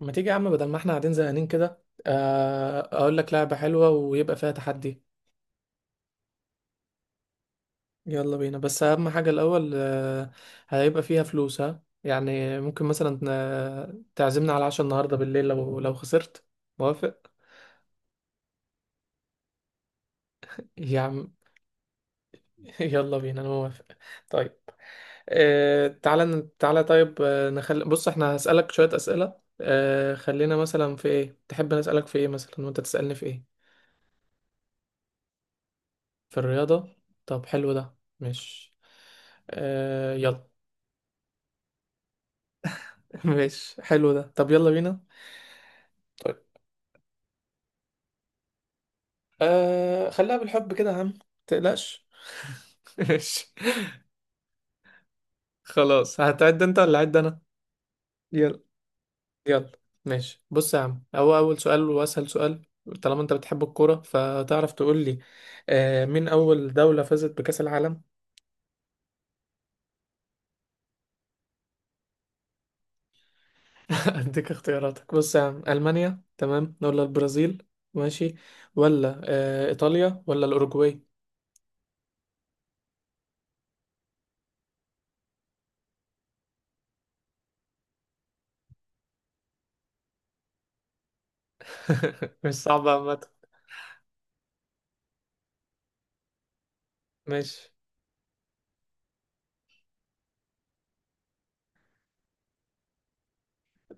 ما تيجي يا عم، بدل ما احنا قاعدين زهقانين كده، اقول لك لعبة حلوة ويبقى فيها تحدي. يلا بينا، بس اهم حاجة الاول. هيبقى فيها فلوس، ها؟ يعني ممكن مثلا تعزمنا على عشاء النهاردة بالليل لو خسرت. موافق يا عم. يلا بينا، انا موافق. طيب، تعالى طيب. نخلي، بص، احنا هسألك شوية أسئلة. خلينا مثلا في ايه، تحب نسألك في ايه مثلا وانت تسألني في ايه؟ في الرياضة. طب حلو ده. ماشي، يلا. ماشي، حلو ده. طب يلا بينا. طيب، خليها بالحب كده يا عم، تقلقش. ماشي خلاص. هتعد انت ولا اعد انا؟ يلا، يلا. ماشي، بص يا عم، هو اول سؤال واسهل سؤال: طالما انت بتحب الكوره فتعرف تقول لي مين اول دوله فازت بكاس العالم؟ اديك اختياراتك. بص يا عم، المانيا تمام، ولا البرازيل؟ ماشي، ولا ايطاليا، ولا الاوروجواي؟ مش صعبه عامه. ماشي،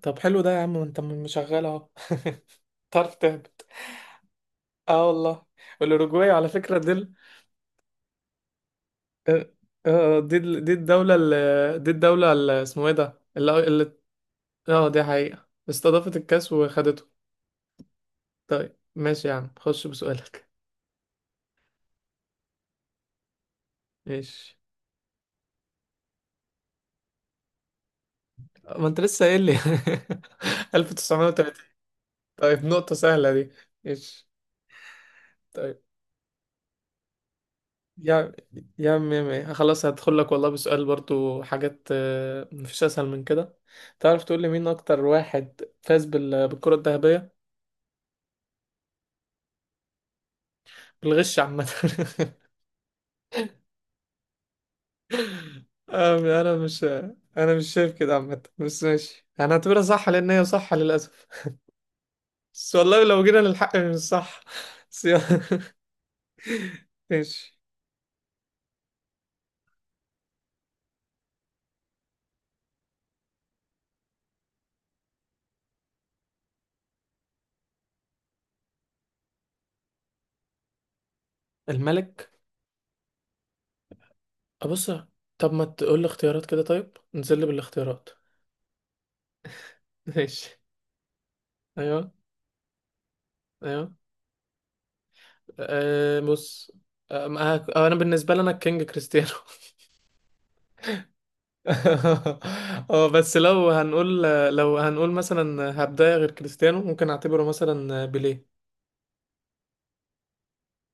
طب حلو ده يا عم، وانت مشغل اهو. تعرف تهبط. اه والله. والاوروجواي على فكره اه دي الدوله اسمه ايه ده اللي اللي اه دي حقيقه استضافت الكاس وخدته. طيب ماشي يا عم، خش بسؤالك. ماشي. ما انت لسه قايل لي. 1930. طيب، نقطه سهله دي. ماشي. طيب. يا يا عم، يا عم، خلاص هدخل لك والله بسؤال، برضو حاجات مفيش اسهل من كده. تعرف تقول لي مين اكتر واحد فاز بالكرة الذهبية؟ بالغش عامة. آه، انا مش انا مش شايف كده عامة، بس ماشي انا هعتبرها صح لان هي صح للاسف. بس والله لو جينا للحق مش صح، بس يلا. ماشي. الملك؟ ابص. طب ما تقول لي اختيارات كده، طيب نزل لي بالاختيارات. ماشي. ايوه. ايوه. أه، بص. أه ما- أه، انا بالنسبه لي، انا الكينج كريستيانو. اه، بس لو هنقول مثلا هبدايه غير كريستيانو ممكن اعتبره مثلا بيليه.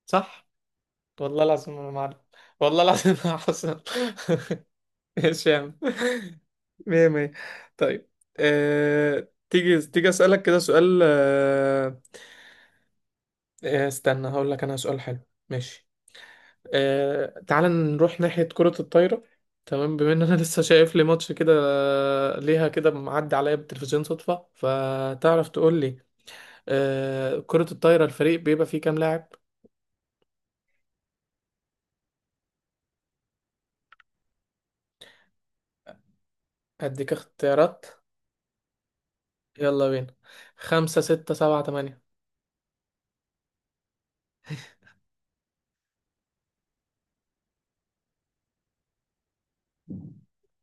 صح. والله العظيم يا معلم، والله العظيم يا حسن. ايش يا عم؟ مية مية. طيب. تيجي اسالك كده سؤال استنى هقول لك انا سؤال حلو. ماشي. تعال نروح ناحية كرة الطايرة. تمام، بما ان انا لسه شايف لي ماتش كده، ليها كده، معدي عليا بالتلفزيون صدفة، فتعرف تقول لي كرة الطايرة الفريق بيبقى فيه كام لاعب؟ اديك اختيارات، يلا بينا: خمسة، ستة، سبعة، تمانية.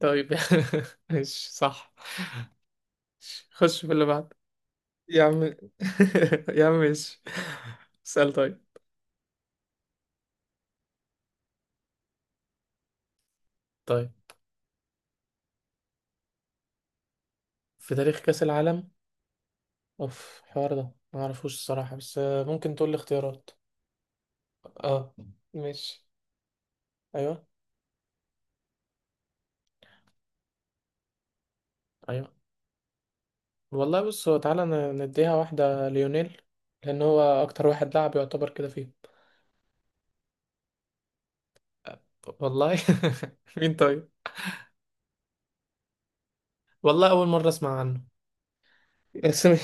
طيب. ماشي صح. خش في اللي بعد. يا عم، يا عم ماشي. اسأل طيب. طيب. في تاريخ كأس العالم. اوف، الحوار ده ما اعرفوش الصراحة، بس ممكن تقول لي اختيارات. اه ماشي. ايوه. ايوه. والله، بص، هو نديها واحدة ليونيل، لان هو اكتر واحد لعب يعتبر كده فيه. والله. مين طيب؟ والله اول مرة اسمع عنه. بس م-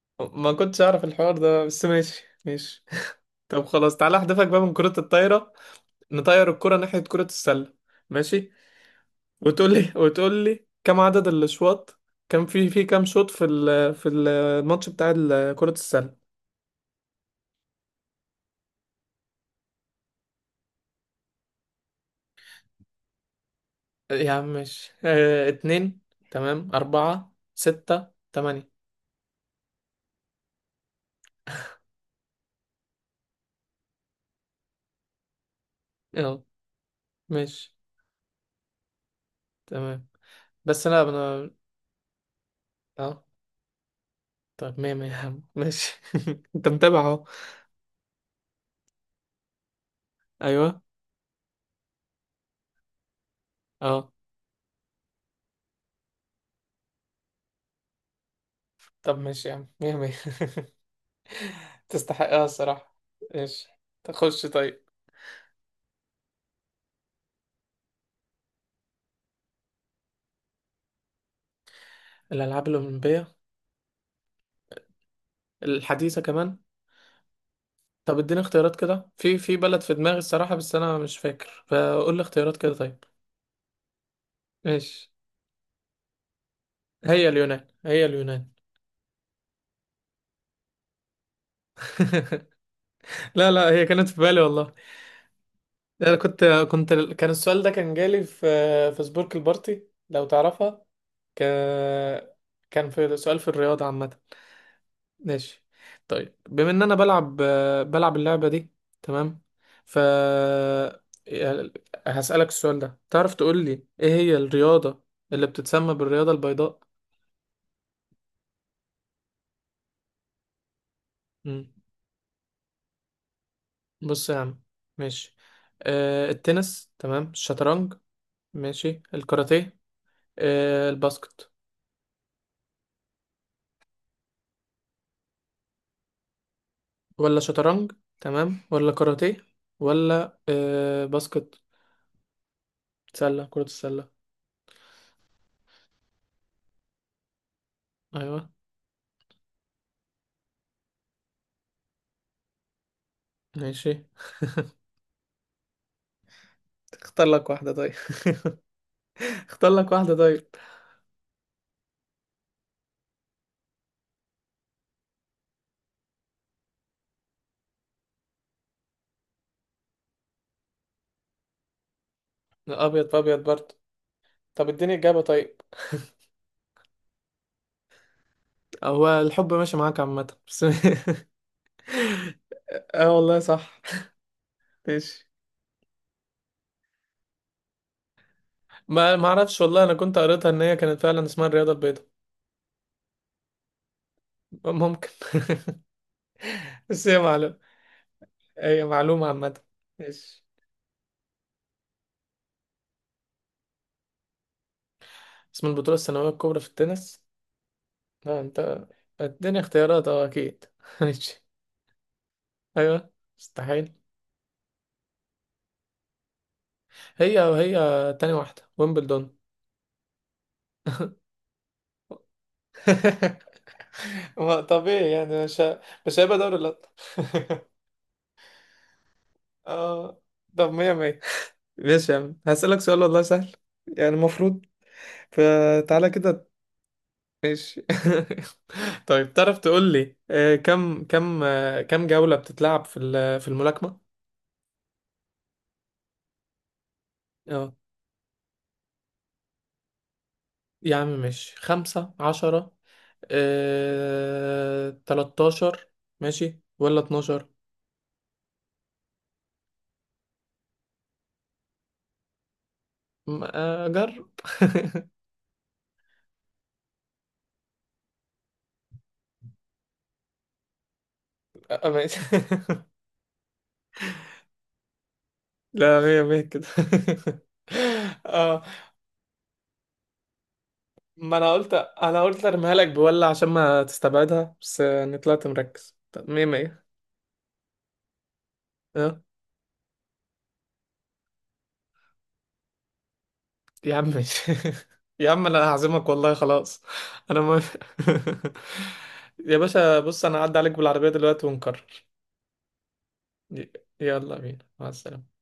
ما كنتش اعرف الحوار ده، بس ماشي، ماشي. طب خلاص، تعالى احذفك بقى من كرة الطايرة. نطير الكرة ناحية كرة السلة. ماشي. وتقول لي: كم عدد الاشواط، كان في كام شوط في في الماتش بتاع كرة السلة؟ يا عم ماشي، اه، اتنين، تمام، أربعة، ستة، تمانية. اه ماشي. تمام، بس أنا اه، طب مية مية يا عم، ماشي. أنت متابع أهو. أيوه. اه، طب ماشي يا عم، مية مية. تستحقها الصراحة. ماشي. تخش طيب. الألعاب الأولمبية. الحديثة كمان. طب اديني اختيارات كده، في بلد في دماغي الصراحة بس أنا مش فاكر، فقول لي اختيارات كده طيب. ماشي. هي اليونان، هي اليونان. لا لا، هي كانت في بالي والله. انا كنت، كنت كان السؤال ده كان جالي في سبورك البارتي لو تعرفها. ك... كان في سؤال في الرياضة عامة. ماشي. طيب، بما ان انا بلعب اللعبة دي، تمام، ف هسألك السؤال ده: تعرف تقول لي ايه هي الرياضة اللي بتتسمى بالرياضة البيضاء؟ مم. بص يا عم، ماشي. التنس، تمام؟ الشطرنج؟ ماشي، الكاراتيه، الباسكت؟ ولا شطرنج؟ تمام، ولا كاراتيه؟ ولا باسكت؟ سلة، كرة السلة؟ أيوة. ماشي، اختار لك واحدة طيب. اختار لك واحدة طيب. أبيض في أبيض برضه. طب اديني إجابة طيب. هو الحب ماشي معاك عامة بس، اه والله صح. ماشي. ما اعرفش والله، انا كنت قريتها ان هي كانت فعلا اسمها الرياضة البيضاء. ممكن. بس هي معلومة عامة. ماشي. اسم البطولة السنوية الكبرى في التنس؟ لا انت، اديني اختيارات، اه اكيد. ماشي. ايوه. مستحيل. هي، وهي تاني واحدة ويمبلدون. ما طبيعي يعني مش هيبقى دوري الابطال. اه. طب مية مية. ماشي يا عم، هسألك سؤال والله سهل، يعني المفروض. فتعالى كده. ماشي. طيب، تعرف تقول لي كم جولة بتتلعب في في الملاكمة؟ اه. يا عم ماشي، 15، 13، ماشي، ولا 12. جرب. ماشي. لا، مية مية كده. اه، ما انا قلت، ارميها لك بولا عشان ما تستبعدها، بس يعني طلعت مركز. طب مية مية. اه يا عم ماشي. يا عم، انا هعزمك والله خلاص. انا موافق. يا باشا، بص انا هعدي عليك بالعربية دلوقتي ونكرر. ي- يلا بينا. مع السلامة.